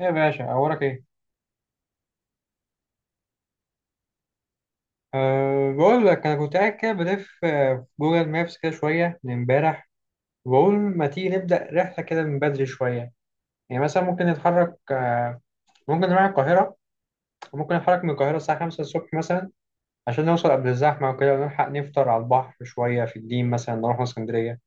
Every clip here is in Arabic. يا باشا أخبارك إيه؟ أه بقول لك أنا كنت قاعد كده بلف في جوجل مابس كده شوية من إمبارح، وبقول ما تيجي نبدأ رحلة كده من بدري شوية. يعني مثلا ممكن نتحرك ممكن نروح القاهرة، وممكن نتحرك من القاهرة الساعة 5 الصبح مثلا عشان نوصل قبل الزحمة وكده، ونلحق نفطر على البحر شوية في الدين مثلا نروح اسكندرية.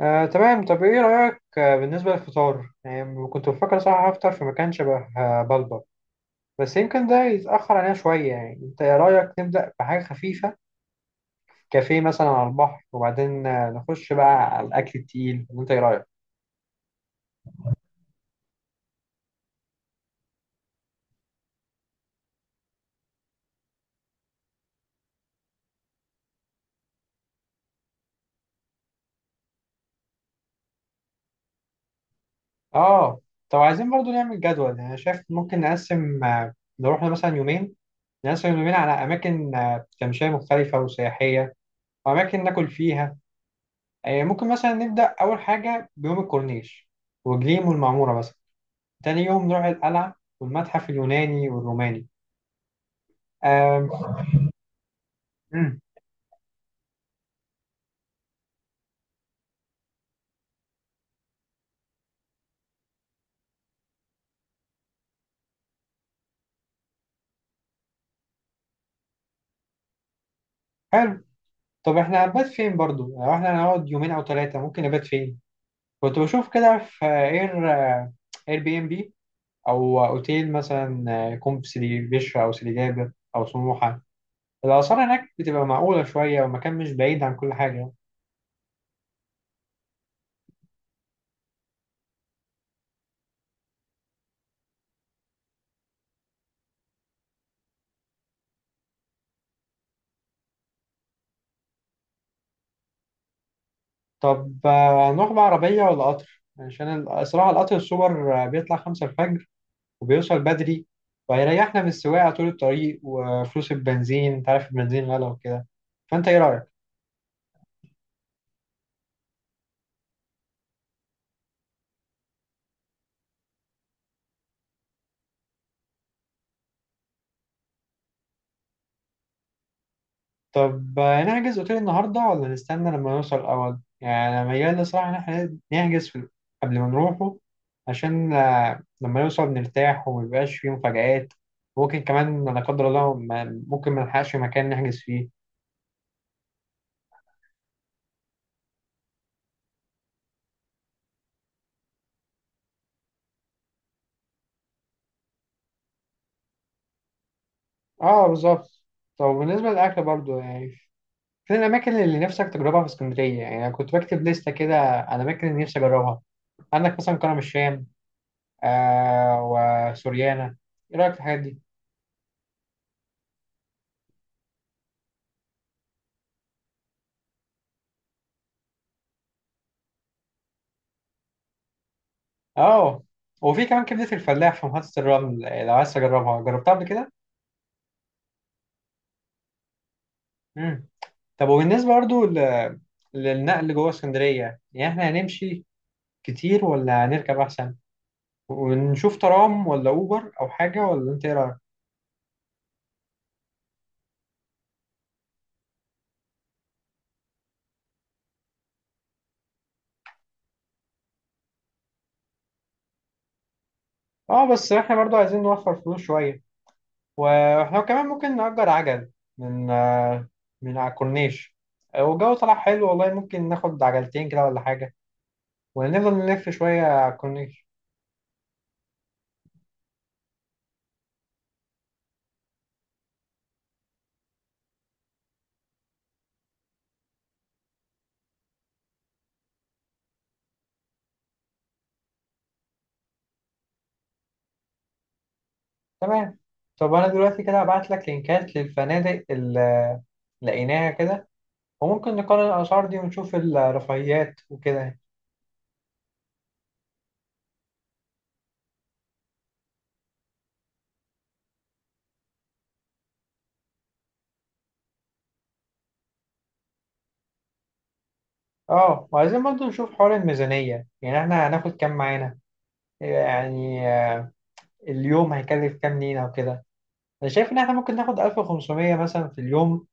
أه تمام، طب إيه رأيك بالنسبة للفطار؟ يعني كنت بفكر صراحة أفطر في مكان شبه بلبر، بس يمكن ده يتأخر علينا شوية، يعني أنت إيه رأيك نبدأ بحاجة خفيفة؟ كافيه مثلا على البحر وبعدين نخش بقى على الاكل التقيل، وانت ايه رايك؟ اه، طب عايزين برضو نعمل جدول، يعني انا شايف ممكن نقسم، نروح مثلا يومين، نقسم اليومين على اماكن تمشيه مختلفه وسياحيه، واماكن ناكل فيها. ممكن مثلا نبدا اول حاجه بيوم الكورنيش وجليم والمعموره مثلا، تاني يوم نروح القلعه والمتحف اليوناني والروماني. آم، مم، حلو. طب احنا هنبات فين برضو؟ يعني لو احنا هنقعد يومين او ثلاثه ممكن نبات فين؟ كنت بشوف كده في اير، اير بي ام بي، او اوتيل مثلا، يكون في سيدي بشر او سيدي جابر او سموحه، الاسعار هناك بتبقى معقوله شويه والمكان مش بعيد عن كل حاجه. طب نروح بعربيه ولا قطر؟ عشان الصراحه القطر السوبر بيطلع خمسة الفجر وبيوصل بدري، وهيريحنا من السواقه طول الطريق وفلوس البنزين، انت عارف البنزين غلا وكده، فانت ايه رايك؟ طب نحجز اوتيل النهارده ولا نستنى لما نوصل الاول؟ يعني انا ميال الصراحه ان احنا نحجز في قبل ما نروحه، عشان لما نوصل نرتاح وميبقاش فيه مفاجآت، ممكن كمان لا قدر الله ممكن ما نلحقش مكان نحجز فيه. اه بالظبط. طب بالنسبه للاكل برضو، يعني فين الاماكن اللي نفسك تجربها في اسكندريه؟ يعني انا كنت بكتب لسته كده على الاماكن اللي نفسي اجربها، عندك مثلا كرم الشام، آه، وسوريانا، ايه رايك في الحاجات دي؟ اه، وفي كمان كبدة الفلاح في محطة الرمل، لو عايز تجربها، جربتها قبل كده؟ مم. طب وبالنسبة برضو للنقل جوه اسكندرية، يعني احنا هنمشي كتير ولا هنركب أحسن؟ ونشوف ترام ولا أوبر أو حاجة، ولا أنت إيه رأيك؟ اه، بس احنا برضو عايزين نوفر فلوس شوية، واحنا كمان ممكن نأجر عجل من من على الكورنيش، والجو طلع حلو والله، ممكن ناخد عجلتين كده ولا حاجة ونفضل نلف شوية على الكورنيش. تمام. طب انا دلوقتي كده هبعت لك لينكات للفنادق اللي لقيناها كده، وممكن نقارن الاسعار دي ونشوف الرفاهيات وكده. اه، وعايزين برضه نشوف حوار الميزانية، يعني احنا هناخد كام معانا؟ يعني اليوم هيكلف كام لينا وكده؟ انا شايف ان احنا ممكن ناخد 1500 مثلا في اليوم،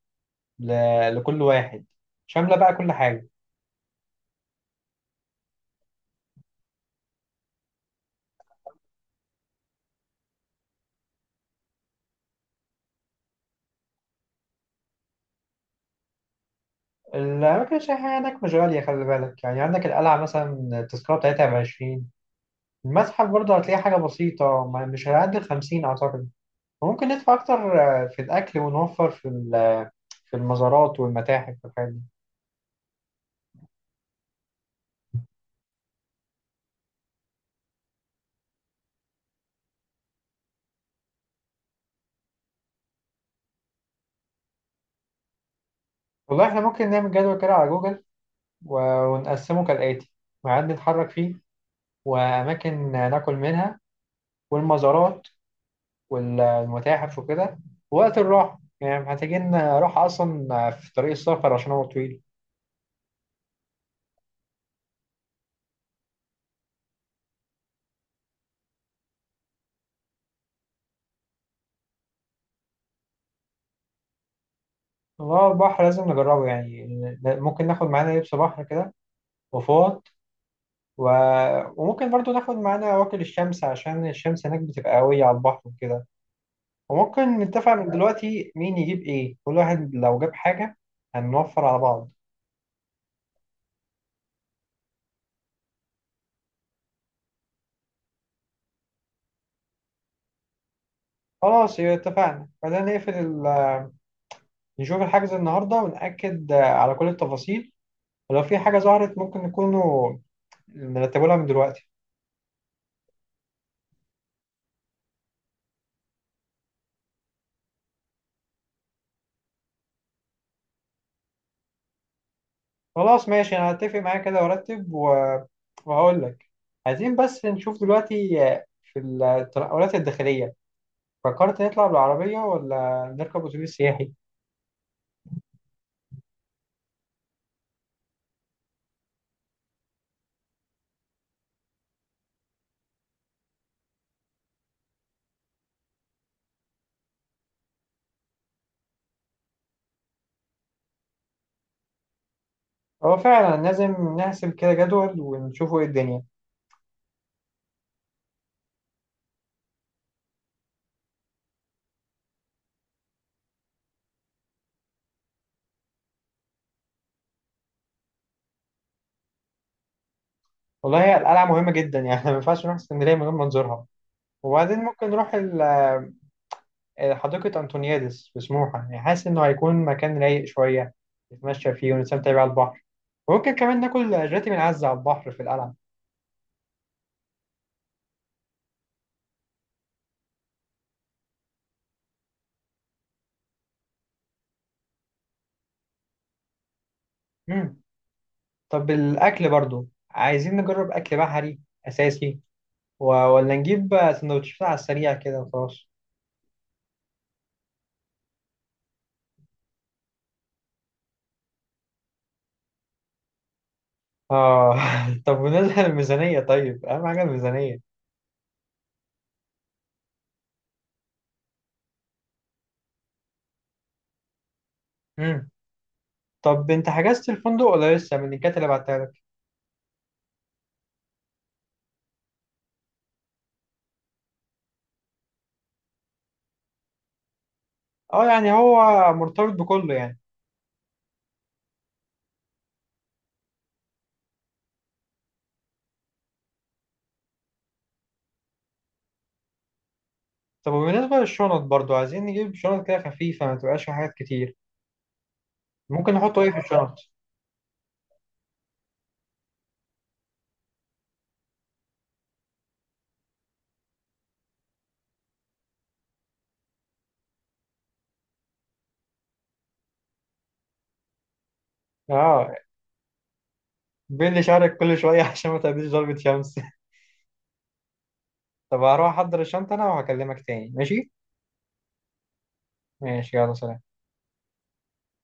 ل... لكل واحد، شاملة بقى كل حاجة. الأماكن السياحية هناك مش غالية، خلي بالك يعني، عندك القلعة مثلا التذكرة بتاعتها بـ20، المتحف برضه هتلاقي حاجة بسيطة مش هيعدي الـ50 أعتقد. ممكن ندفع أكتر في الأكل ونوفر في في المزارات والمتاحف والحاجات دي. والله إحنا ممكن نعمل جدول كده على جوجل ونقسمه كالآتي: ميعاد نتحرك فيه، وأماكن ناكل منها، والمزارات والمتاحف وكده، ووقت الراحة، يعني محتاجين راحة أصلا في طريق السفر عشان هو طويل. والله البحر لازم نجربه يعني، ممكن ناخد معانا لبس بحر كده وفوط و... وممكن برضو ناخد معانا واكل الشمس، عشان الشمس هناك بتبقى قوية على البحر وكده. وممكن نتفق من دلوقتي مين يجيب ايه، كل واحد لو جاب حاجة هنوفر على بعض. خلاص يبقى اتفقنا، خلينا نقفل ال... نشوف الحجز النهاردة ونأكد على كل التفاصيل، ولو في حاجة ظهرت ممكن نكونوا نرتبوا لها من دلوقتي. خلاص ماشي، انا هتفق معايا كده وارتب و... وهقول لك. عايزين بس نشوف دلوقتي في التنقلات الداخلية، فكرت نطلع بالعربية ولا نركب أتوبيس سياحي؟ هو فعلا لازم نحسب كده جدول ونشوفوا إيه الدنيا. والله هي القلعة مهمة جدا يعني ما ينفعش نروح اسكندرية من غير ما نزورها، وبعدين ممكن نروح حديقة أنطونيادس في سموحة، يعني حاسس إنه هيكون مكان رايق شوية نتمشى فيه ونستمتع بيه على البحر، وممكن كمان ناكل جاتي من عزة على البحر في القلعة. مم. طب الأكل برضو عايزين نجرب أكل بحري أساسي و- ولا نجيب سندوتشات على السريع كده وخلاص؟ اه طب بالنسبة للميزانية، طيب أهم حاجة الميزانية. مم. طب أنت حجزت الفندق ولا لسه من الكات اللي بعتها لك؟ أه يعني هو مرتبط بكله يعني. طب وبالنسبة للشنط برضو، عايزين نجيب شنط كده خفيفة ما تبقاش فيها حاجات كتير، ممكن نحط إيه في الشنط؟ أه بين شعرك كل شوية عشان ما تقابليش ضربة شمس. طب هروح أحضر الشنطة أنا وهكلمك تاني، ماشي؟ ماشي يلا سلام.